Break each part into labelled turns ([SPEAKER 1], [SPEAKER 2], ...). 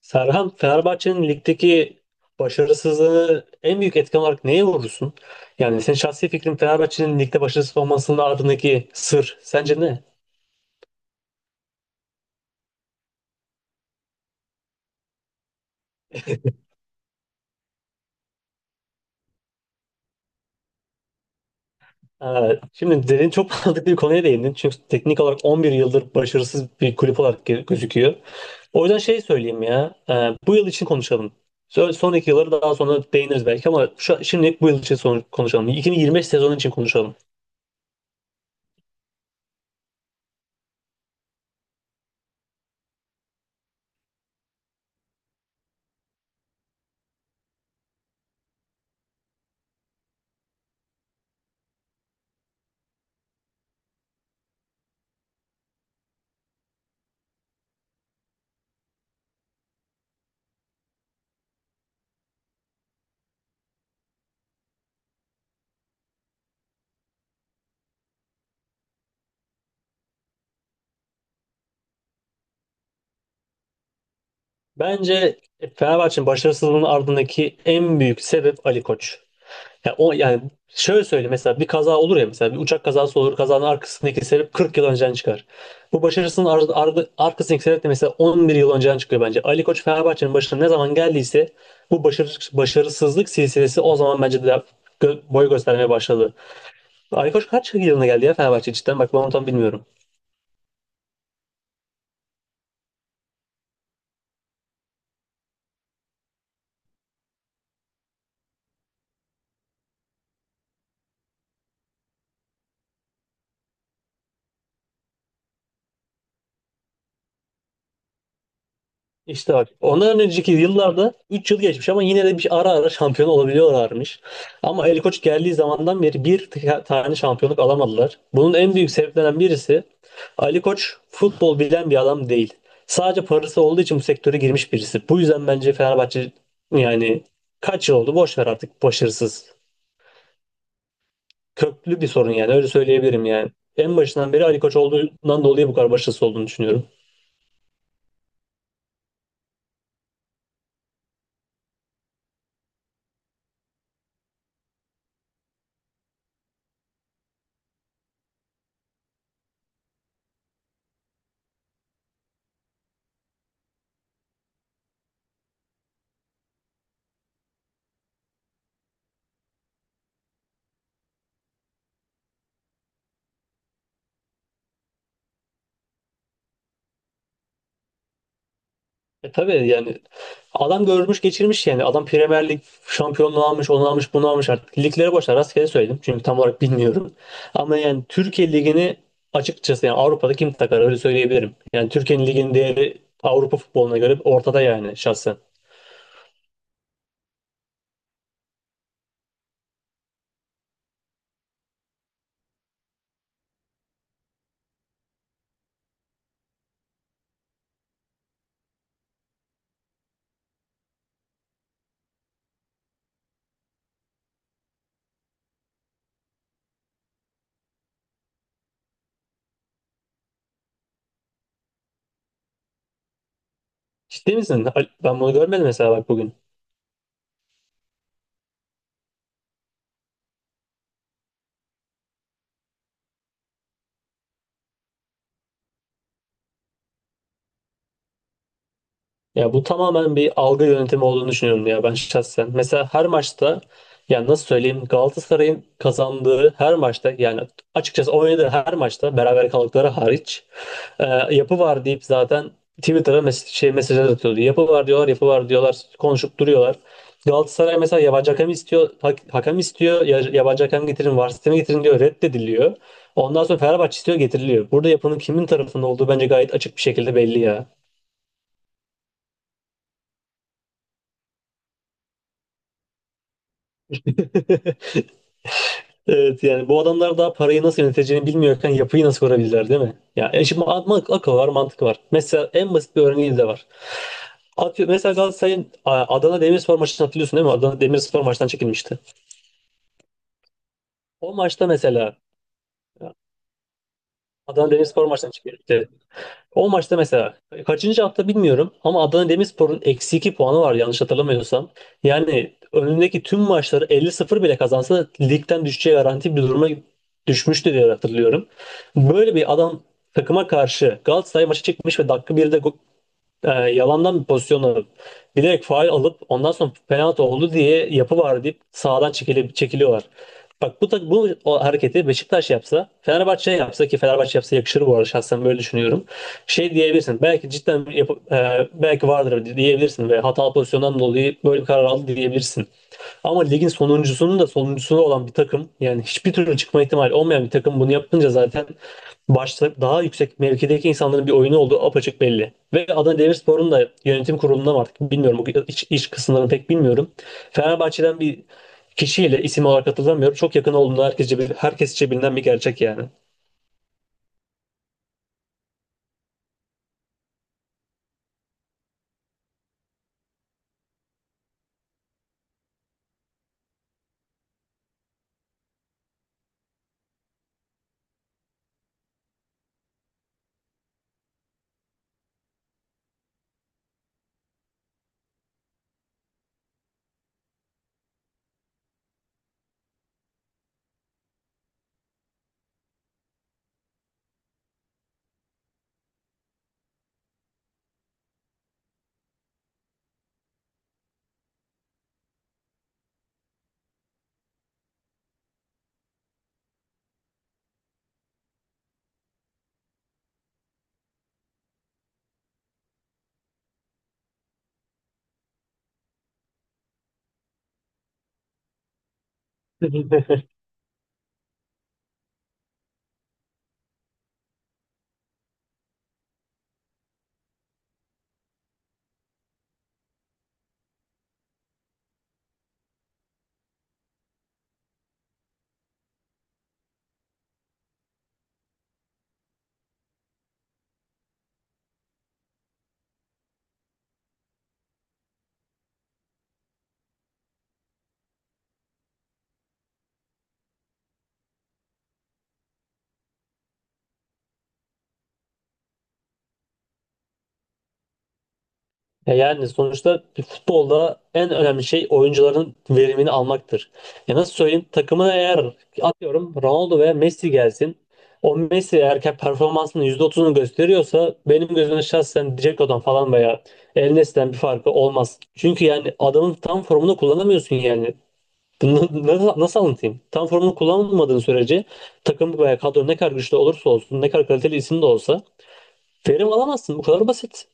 [SPEAKER 1] Serhan, Fenerbahçe'nin ligdeki başarısızlığını en büyük etken olarak neye vurursun? Yani senin şahsi fikrin Fenerbahçe'nin ligde başarısız olmasının ardındaki sır sence ne? Evet. Şimdi derin çok mantıklı bir konuya değindin. Çünkü teknik olarak 11 yıldır başarısız bir kulüp olarak gözüküyor. O yüzden şey söyleyeyim ya. Bu yıl için konuşalım. Son iki yılları daha sonra değiniriz belki ama şimdilik bu yıl için konuşalım. 2025 sezonu için konuşalım. Bence Fenerbahçe'nin başarısızlığının ardındaki en büyük sebep Ali Koç. Ya o yani şöyle söyleyeyim, mesela bir kaza olur ya, mesela bir uçak kazası olur, kazanın arkasındaki sebep 40 yıl önceden çıkar. Bu başarısının ar ar arkasındaki sebep de mesela 11 yıl önceden çıkıyor bence. Ali Koç Fenerbahçe'nin başına ne zaman geldiyse bu başarısızlık silsilesi o zaman bence de boy göstermeye başladı. Ali Koç kaç yılına geldi ya Fenerbahçe, cidden bak ben onu tam bilmiyorum. İşte bak ondan önceki yıllarda 3 yıl geçmiş ama yine de bir ara şampiyon olabiliyorlarmış. Ama Ali Koç geldiği zamandan beri bir tane şampiyonluk alamadılar. Bunun en büyük sebeplerinden birisi, Ali Koç futbol bilen bir adam değil. Sadece parası olduğu için bu sektöre girmiş birisi. Bu yüzden bence Fenerbahçe, yani kaç yıl oldu boş ver, artık başarısız. Köklü bir sorun yani, öyle söyleyebilirim yani. En başından beri Ali Koç olduğundan dolayı bu kadar başarısız olduğunu düşünüyorum. E tabii yani, adam görmüş geçirmiş yani. Adam Premier Lig şampiyonluğu almış, onu almış, bunu almış artık. Liglere boşver rastgele söyledim çünkü tam olarak bilmiyorum. Ama yani Türkiye Ligi'ni, açıkçası yani Avrupa'da kim takar, öyle söyleyebilirim. Yani Türkiye'nin liginin değeri Avrupa futboluna göre ortada yani, şahsen. Ciddi misin? Ben bunu görmedim mesela, bak bugün. Ya bu tamamen bir algı yönetimi olduğunu düşünüyorum ya, ben şahsen. Mesela her maçta, yani nasıl söyleyeyim, Galatasaray'ın kazandığı her maçta, yani açıkçası oynadığı her maçta, beraber kaldıkları hariç, e, yapı var deyip zaten Twitter'a mesajlar atıyordu. Yapı var diyorlar, yapı var diyorlar, konuşup duruyorlar. Galatasaray mesela yabancı hakem istiyor, hakem istiyor, yabancı hakem getirin, VAR sistemi getirin diyor, reddediliyor. Ondan sonra Fenerbahçe istiyor, getiriliyor. Burada yapının kimin tarafında olduğu bence gayet açık bir şekilde belli ya. Evet yani, bu adamlar daha parayı nasıl yöneteceğini bilmiyorken yapıyı nasıl kurabilirler değil mi? Ya yani şimdi akıl var, mantık var. Mesela en basit bir örneği de var. Atıyor, mesela Galatasaray'ın Adana Demirspor maçını hatırlıyorsun değil mi? Adana Demirspor maçtan çekilmişti. O maçta mesela, Adana Demirspor maçtan çekilmişti. O maçta mesela kaçıncı hafta bilmiyorum ama Adana Demirspor'un eksi 2 puanı var yanlış hatırlamıyorsam. Yani önündeki tüm maçları 50-0 bile kazansa ligden düşeceği garanti bir duruma düşmüştü diye hatırlıyorum. Böyle bir adam takıma karşı Galatasaray maçı çıkmış ve dakika 1'de yalandan bir pozisyon alıp bilerek faul alıp ondan sonra penaltı oldu diye yapı var deyip sağdan çekiliyorlar. Bak bu o hareketi Beşiktaş yapsa, Fenerbahçe yapsa, ki Fenerbahçe yapsa yakışır bu arada, şahsen böyle düşünüyorum. Şey diyebilirsin. Belki cidden belki vardır diyebilirsin ve hatalı pozisyondan dolayı böyle bir karar aldı diyebilirsin. Ama ligin sonuncusunun da sonuncusu olan bir takım, yani hiçbir türlü çıkma ihtimali olmayan bir takım bunu yapınca zaten başta daha yüksek mevkideki insanların bir oyunu olduğu apaçık belli. Ve Adana Demirspor'un da yönetim kurulundan artık bilmiyorum, bu iç kısımlarını pek bilmiyorum. Fenerbahçe'den bir kişiyle isim olarak hatırlamıyorum. Çok yakın olduğunu herkesçe bilinen bir gerçek yani. E yani sonuçta bir futbolda en önemli şey oyuncuların verimini almaktır. Ya nasıl söyleyeyim, takımına eğer atıyorum Ronaldo veya Messi gelsin. O Messi eğer ki performansının %30'unu gösteriyorsa benim gözümde şahsen Dzeko'dan falan veya El Nesli'den bir farkı olmaz. Çünkü yani adamın tam formunu kullanamıyorsun yani. Bunu nasıl anlatayım? Tam formunu kullanmadığın sürece takım veya kadro ne kadar güçlü olursa olsun, ne kadar kaliteli isim de olsa verim alamazsın. Bu kadar basit.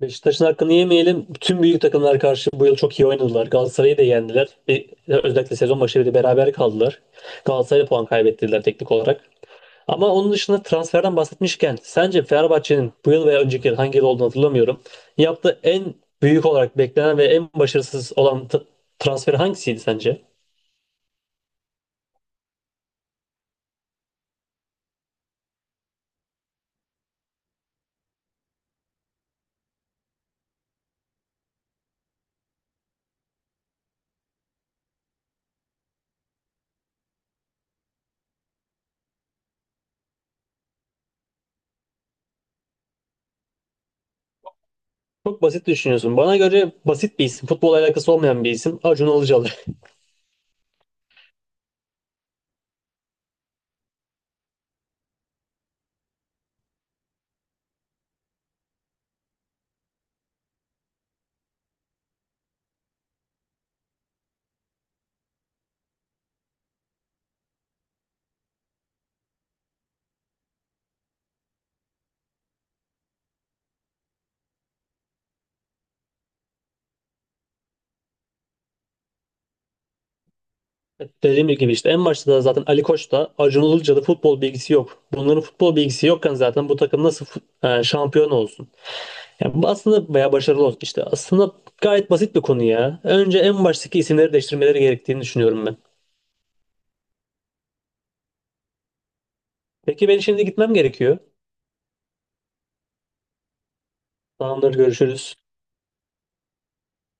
[SPEAKER 1] Beşiktaş'ın hakkını yemeyelim. Tüm büyük takımlar karşı bu yıl çok iyi oynadılar. Galatasaray'ı da yendiler. Bir, özellikle sezon başı bir de beraber kaldılar. Galatasaray'a puan kaybettirdiler teknik olarak. Ama onun dışında transferden bahsetmişken, sence Fenerbahçe'nin bu yıl veya önceki yıl, hangi yıl olduğunu hatırlamıyorum, yaptığı en büyük olarak beklenen ve en başarısız olan transfer hangisiydi sence? Çok basit düşünüyorsun. Bana göre basit bir isim. Futbol alakası olmayan bir isim. Acun Ilıcalı. Dediğim gibi işte en başta da zaten Ali Koç'ta Acun Ilıcalı futbol bilgisi yok. Bunların futbol bilgisi yokken zaten bu takım nasıl şampiyon olsun? Yani bu aslında, veya başarılı olsun işte. Aslında gayet basit bir konu ya. Önce en baştaki isimleri değiştirmeleri gerektiğini düşünüyorum ben. Peki, ben şimdi gitmem gerekiyor. Tamamdır, görüşürüz.